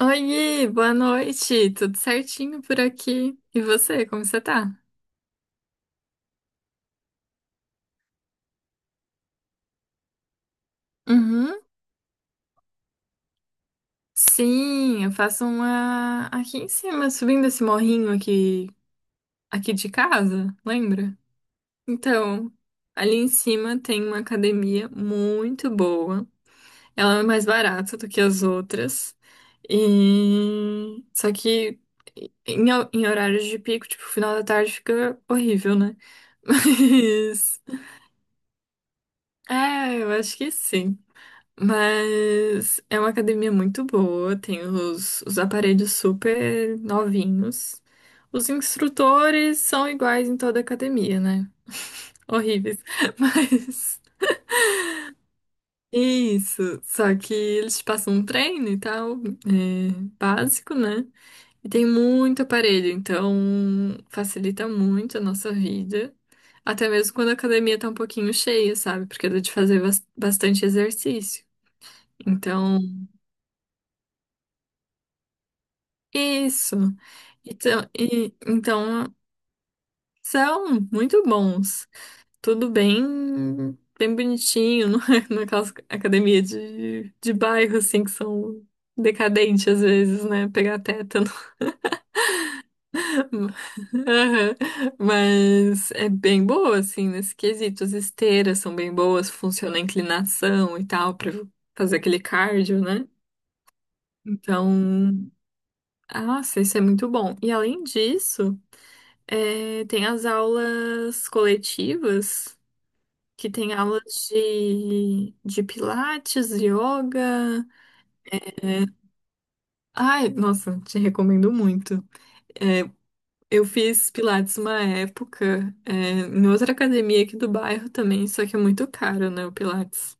Oi, boa noite. Tudo certinho por aqui? E você, como você tá? Uhum. Sim, eu faço uma aqui em cima, subindo esse morrinho aqui, aqui de casa, lembra? Então, ali em cima tem uma academia muito boa. Ela é mais barata do que as outras. E só que em, em horários de pico, tipo, final da tarde fica horrível, né? Mas é, eu acho que sim. Mas é uma academia muito boa, tem os aparelhos super novinhos. Os instrutores são iguais em toda a academia, né? Horríveis. Mas isso, só que eles te passam um treino e tal, é, básico, né? E tem muito aparelho, então facilita muito a nossa vida. Até mesmo quando a academia tá um pouquinho cheia, sabe? Porque dá de fazer bastante exercício. Então, isso. Então, são muito bons. Tudo bem, bem bonitinho, não é? Naquelas academia de bairro, assim, que são decadentes às vezes, né? Pegar tétano. Aham. Mas é bem boa, assim, nesse quesito. As esteiras são bem boas, funciona a inclinação e tal, pra fazer aquele cardio, né? Então, ah, nossa, isso é muito bom. E além disso. É, tem as aulas coletivas, que tem aulas de pilates, yoga. Ai, nossa, te recomendo muito. É, eu fiz pilates uma época, é, em outra academia aqui do bairro também, só que é muito caro, né, o pilates.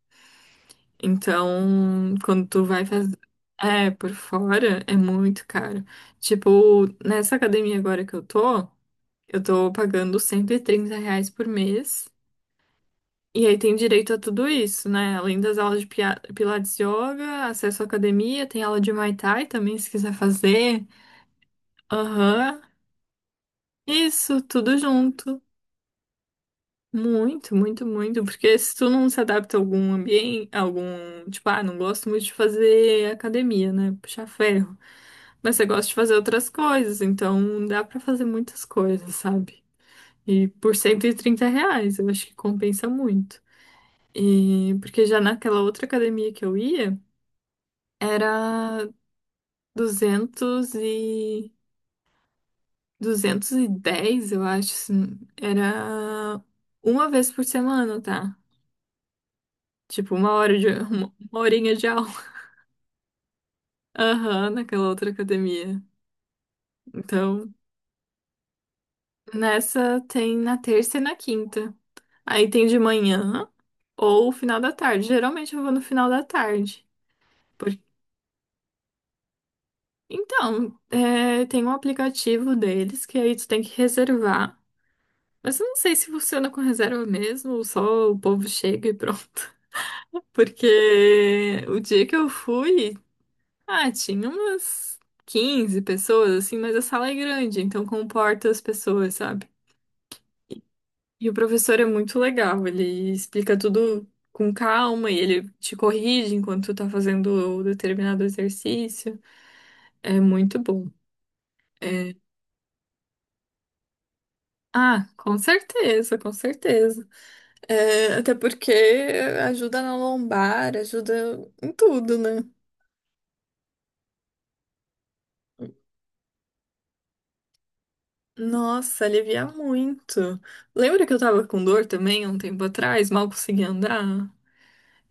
Então, quando tu vai fazer. É, por fora é muito caro. Tipo, nessa academia agora que eu tô pagando R$ 130 por mês. E aí tem direito a tudo isso, né? Além das aulas de pilates yoga, acesso à academia, tem aula de Muay Thai também, se quiser fazer. Aham. Isso, tudo junto. Muito, muito, muito. Porque se tu não se adapta a algum ambiente, algum, tipo, ah, não gosto muito de fazer academia, né? Puxar ferro. Mas você gosta de fazer outras coisas, então dá pra fazer muitas coisas, sabe? E por R$ 130, eu acho que compensa muito. E porque já naquela outra academia que eu ia, era 200 e... 210 eu acho, assim. Era uma vez por semana, tá? Tipo, Uma horinha de aula. Aham, naquela outra academia. Então, nessa tem na terça e na quinta. Aí tem de manhã ou final da tarde. Geralmente eu vou no final da tarde. Por- Então, é, tem um aplicativo deles que aí tu tem que reservar. Mas eu não sei se funciona com reserva mesmo, ou só o povo chega e pronto. Porque o dia que eu fui, ah, tinha umas 15 pessoas, assim, mas a sala é grande, então comporta as pessoas, sabe? E o professor é muito legal, ele explica tudo com calma e ele te corrige enquanto tu tá fazendo o determinado exercício. É muito bom. É. Ah, com certeza, com certeza. É, até porque ajuda na lombar, ajuda em tudo, né? Nossa, alivia muito. Lembra que eu tava com dor também há um tempo atrás, mal conseguia andar?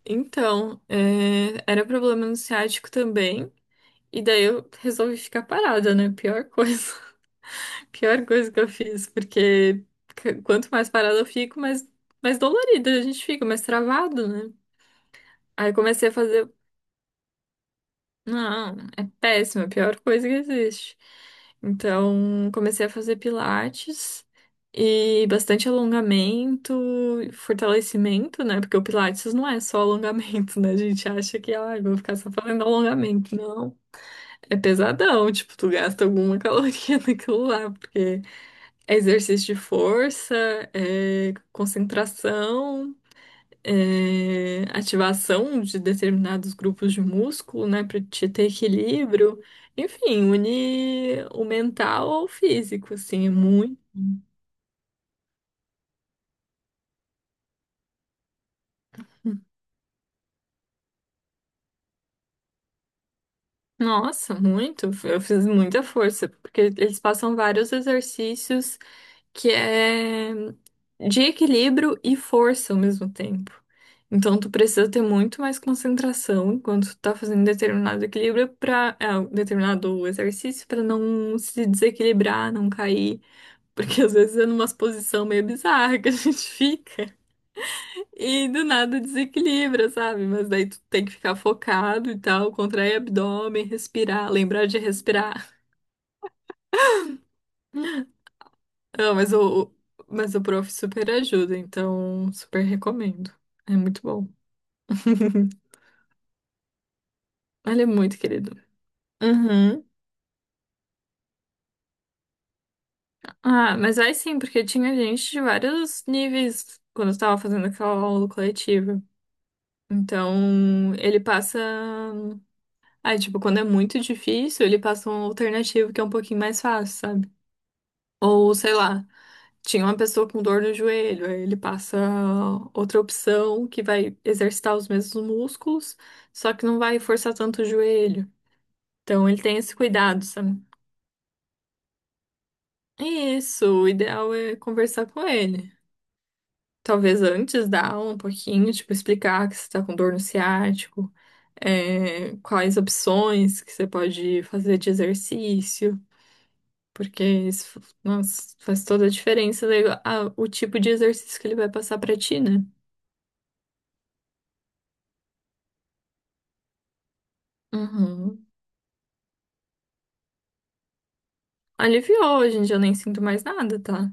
Então, é, era problema no ciático também. E daí eu resolvi ficar parada, né? Pior coisa. Pior coisa que eu fiz, porque quanto mais parada eu fico, mais dolorida a gente fica, mais travado, né? Aí eu comecei a fazer. Não, é péssimo, é a pior coisa que existe. Então, comecei a fazer pilates e bastante alongamento, fortalecimento, né? Porque o pilates não é só alongamento, né? A gente acha que, ah, eu vou ficar só fazendo alongamento. Não. É pesadão, tipo, tu gasta alguma caloria naquilo lá, porque é exercício de força, é concentração, é ativação de determinados grupos de músculo, né, para te ter equilíbrio. Enfim, une o mental ao físico, assim, é muito. Nossa, muito. Eu fiz muita força, porque eles passam vários exercícios que é de equilíbrio e força ao mesmo tempo. Então, tu precisa ter muito mais concentração enquanto tu tá fazendo determinado equilíbrio para determinado exercício para não se desequilibrar, não cair. Porque às vezes é numa posição meio bizarra que a gente fica e do nada desequilibra, sabe? Mas daí tu tem que ficar focado e tal, contrair abdômen, respirar, lembrar de respirar. Não, mas o prof super ajuda, então super recomendo. É muito bom. Ele é muito querido. Uhum. Ah, mas vai sim, porque tinha gente de vários níveis quando eu tava fazendo aquela aula coletiva. Então, ele passa. Aí, tipo, quando é muito difícil, ele passa um alternativo que é um pouquinho mais fácil, sabe? Ou, sei lá, tinha uma pessoa com dor no joelho, aí ele passa outra opção que vai exercitar os mesmos músculos, só que não vai forçar tanto o joelho. Então, ele tem esse cuidado, sabe? Isso, o ideal é conversar com ele. Talvez antes da aula, um pouquinho, tipo, explicar que você tá com dor no ciático, é, quais opções que você pode fazer de exercício. Porque isso, nossa, faz toda a diferença daí o tipo de exercício que ele vai passar pra ti, né? Uhum. Aliviou, hoje em dia eu nem sinto mais nada, tá?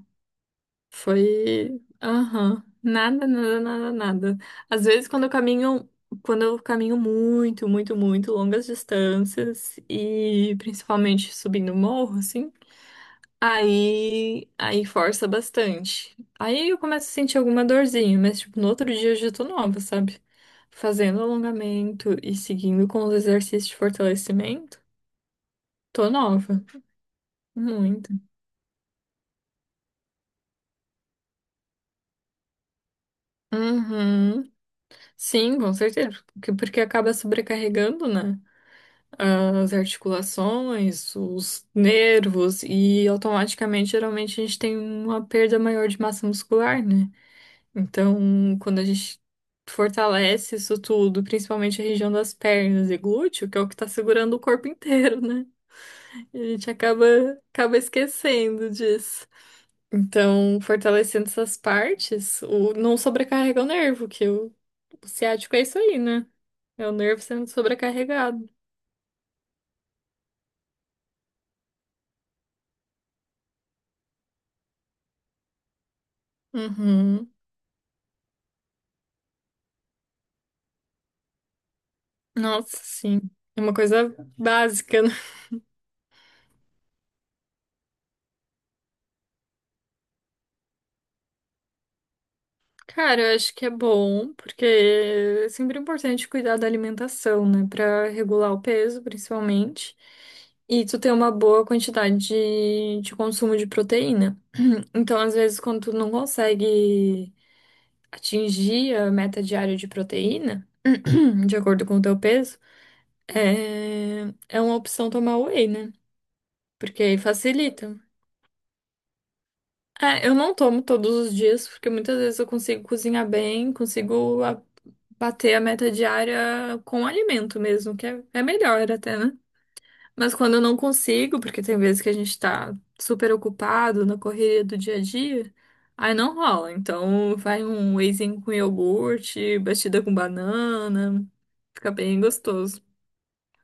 Foi. Aham. Nada, nada, nada, nada. Às vezes quando eu caminho muito, muito, muito longas distâncias e principalmente subindo morro, assim. Aí força bastante. Aí eu começo a sentir alguma dorzinha, mas tipo, no outro dia eu já tô nova, sabe? Fazendo alongamento e seguindo com os exercícios de fortalecimento, tô nova. Muito. Uhum. Sim, com certeza. Porque acaba sobrecarregando, né? As articulações, os nervos, e automaticamente, geralmente, a gente tem uma perda maior de massa muscular, né? Então, quando a gente fortalece isso tudo, principalmente a região das pernas e glúteo, que é o que tá segurando o corpo inteiro, né? E a gente acaba esquecendo disso. Então, fortalecendo essas partes, não sobrecarrega o nervo, que o ciático é isso aí, né? É o nervo sendo sobrecarregado. Uhum. Nossa, sim. É uma coisa básica. Cara, eu acho que é bom, porque é sempre importante cuidar da alimentação, né? Pra regular o peso, principalmente. E tu ter uma boa quantidade de consumo de proteína. Então, às vezes, quando tu não consegue atingir a meta diária de proteína, de acordo com o teu peso, é, é uma opção tomar whey, né? Porque aí facilita. É, eu não tomo todos os dias, porque muitas vezes eu consigo cozinhar bem, consigo bater a meta diária com alimento mesmo, que é melhor até, né? Mas quando eu não consigo, porque tem vezes que a gente tá super ocupado na correria do dia a dia, aí não rola. Então vai um wheyzinho com iogurte, batida com banana, fica bem gostoso.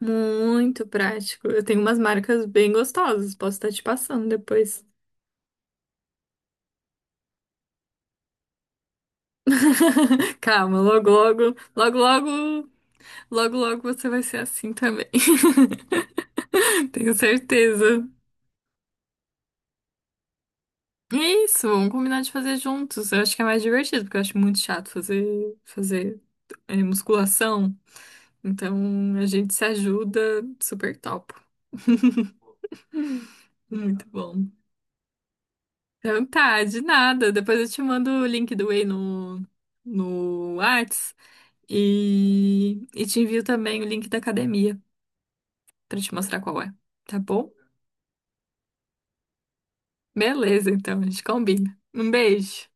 Muito prático. Eu tenho umas marcas bem gostosas, posso estar te passando depois. Calma, logo, logo, logo, logo, logo, logo você vai ser assim também. Tenho certeza. E é isso, vamos combinar de fazer juntos. Eu acho que é mais divertido, porque eu acho muito chato fazer musculação. Então a gente se ajuda, super top. Muito bom. Então tá, de nada. Depois eu te mando o link do Whey no Whats e te envio também o link da academia, pra te mostrar qual é, tá bom? Beleza, então, a gente combina. Um beijo.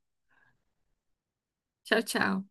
Tchau, tchau.